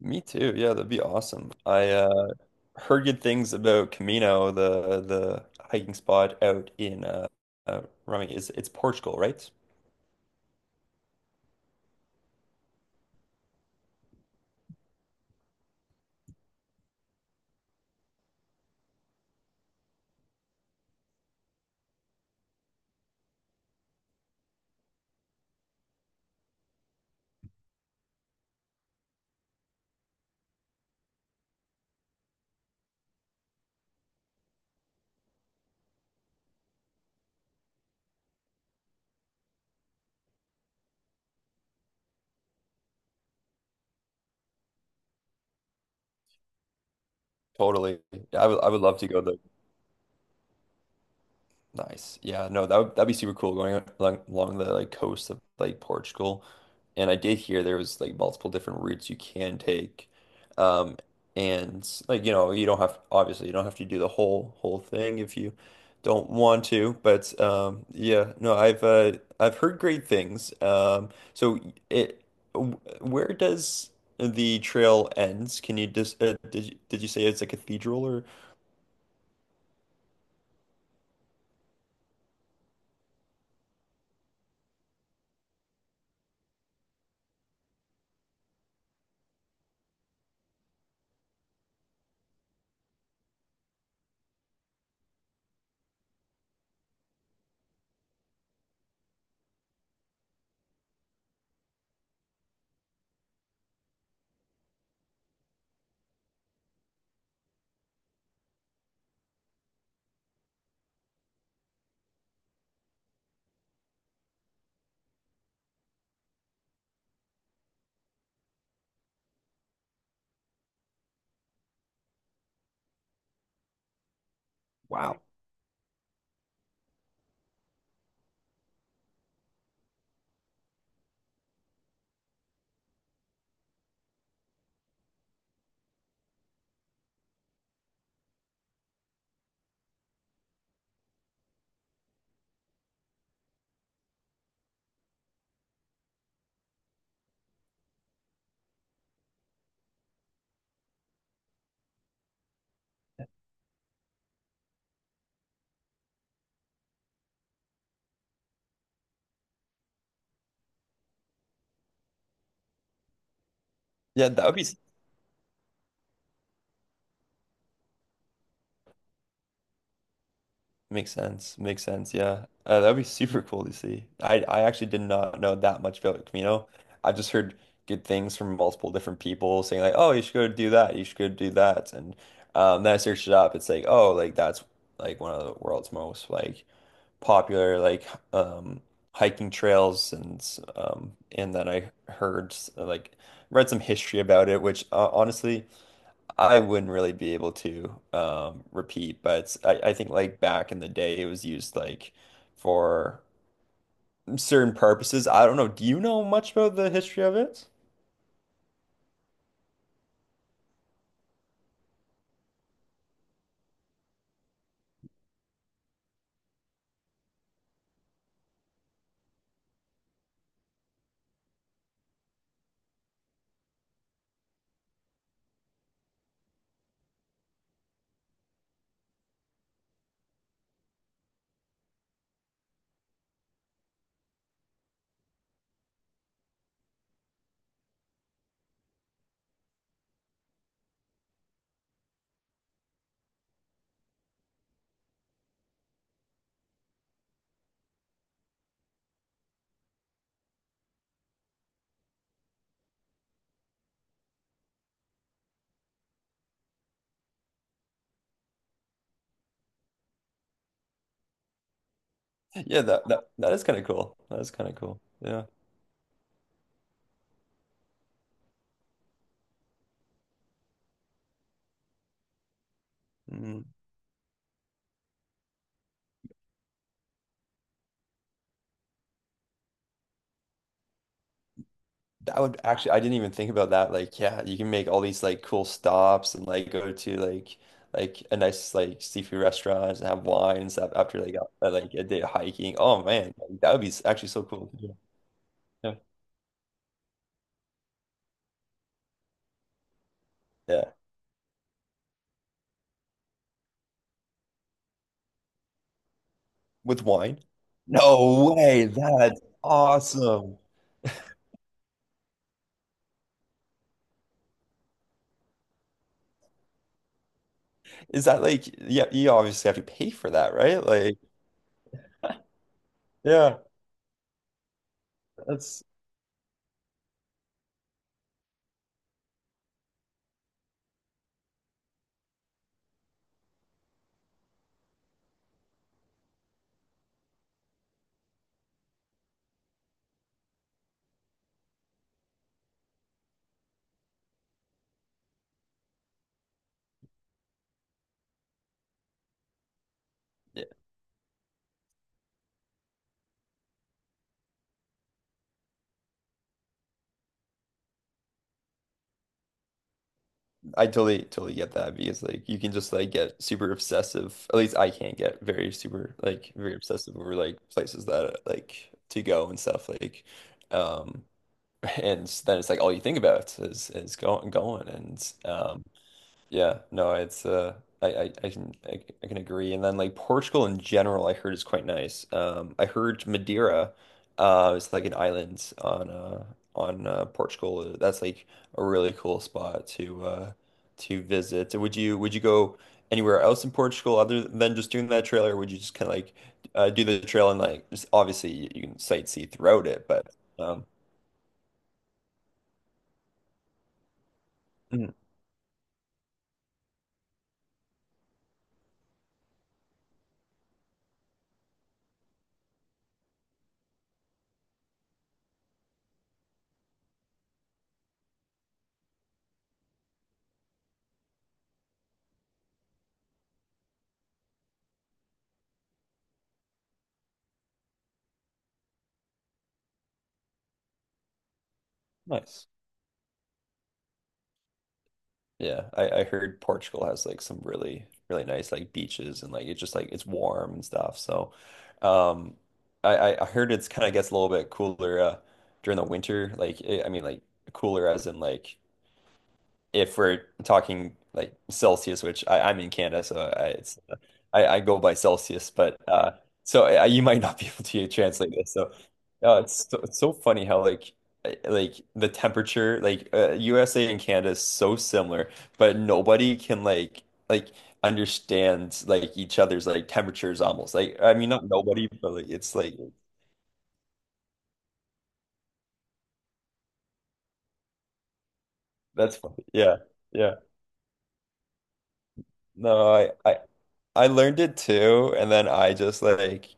Me too. Yeah, that'd be awesome. I heard good things about Camino, the hiking spot out in Rumi. It's Portugal, right? Totally. I would love to go. Nice. Yeah, no, that'd be super cool going along the like coast of like Portugal. And I did hear there was like multiple different routes you can take. Um and like you don't have obviously you don't have to do the whole thing if you don't want to, but yeah, no, I've heard great things. So it where does the trail ends? Can you just did you say it's a cathedral or Wow. Yeah, that would be. Makes sense. Makes sense. Yeah. That'd be super cool to see. I actually did not know that much about Camino. I've just heard good things from multiple different people saying like, "Oh, you should go do that. You should go do that." And then I searched it up. It's like, "Oh, like that's like one of the world's most like popular like um hiking trails." And then I heard like read some history about it, which honestly. I wouldn't really be able to repeat, but I think like back in the day, it was used like for certain purposes. I don't know. Do you know much about the history of it? Yeah, that is kind of cool. That is kind of cool. Yeah. Mm. That would actually, I didn't even think about that. Like, yeah, you can make all these like cool stops and like go to like a nice like seafood restaurant and have wine and stuff after like a day of hiking. Oh man, like, that would be actually so cool. Yeah. Yeah. With wine? No way. That's awesome. Is that like, yeah, you obviously have to pay for that, right? Like, yeah, that's, yeah, I totally, totally get that because like you can just like get super obsessive. At least I can get very super, very obsessive over like places that like to go and stuff. Like, um, and then it's like all you think about is going, going. And. Yeah, no, it's uh, I can agree. And then like Portugal in general I heard is quite nice. I heard Madeira is like an island on Portugal. That's like a really cool spot to visit. Would you go anywhere else in Portugal other than just doing that trail or would you just kind of like do the trail and like just obviously you can sightsee throughout it, um mm, nice. Yeah, I heard Portugal has like some really really nice like beaches and like it's just like it's warm and stuff. So, um, I heard it's kind of gets a little bit cooler during the winter. I mean like cooler as in like if we're talking like Celsius, which I'm in Canada, so I, it's I go by Celsius, but so, I, you might not be able to translate this. So it's so funny how like the temperature like USA and Canada is so similar, but nobody can like understand like each other's like temperatures almost like I mean not nobody, but like it's like that's funny. Yeah, yeah. No, I learned it too, and then I just like.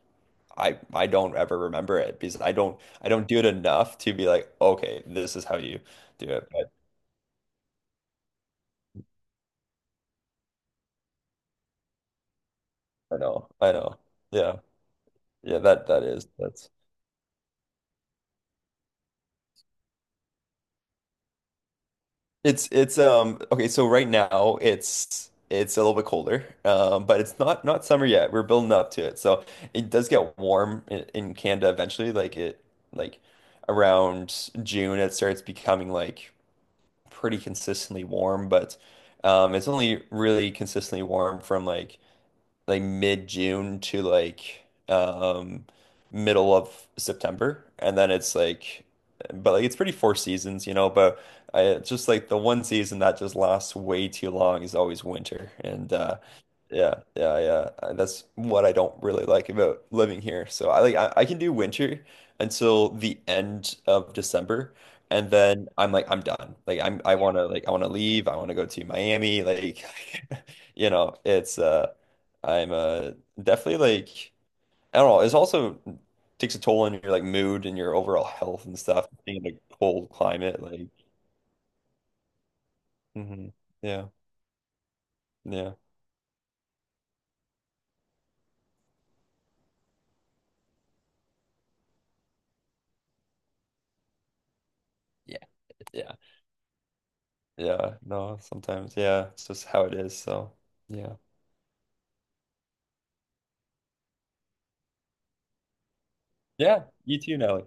I don't ever remember it because I don't do it enough to be like, okay, this is how you do it. But I know, I know. Yeah. Yeah. that that is that's it's Okay, so right now it's a little bit colder. But it's not summer yet. We're building up to it. So it does get warm in Canada eventually. Like it like around June it starts becoming like pretty consistently warm, but it's only really consistently warm from like mid-June to like middle of September, and then it's like but like it's pretty four seasons, you know, but I it's just like the one season that just lasts way too long is always winter. And yeah, yeah, yeah. That's what I don't really like about living here. So I can do winter until the end of December. And then I'm like, I'm done. Like I want to leave. I want to go to Miami. Like, it's I'm definitely like I don't know. It's also takes a toll on your like mood and your overall health and stuff. Being in a cold climate, like. Hmm. Yeah, yeah. Yeah, yeah. Yeah. No, sometimes yeah, it's just how it is. So yeah, yeah. You too, Nelly.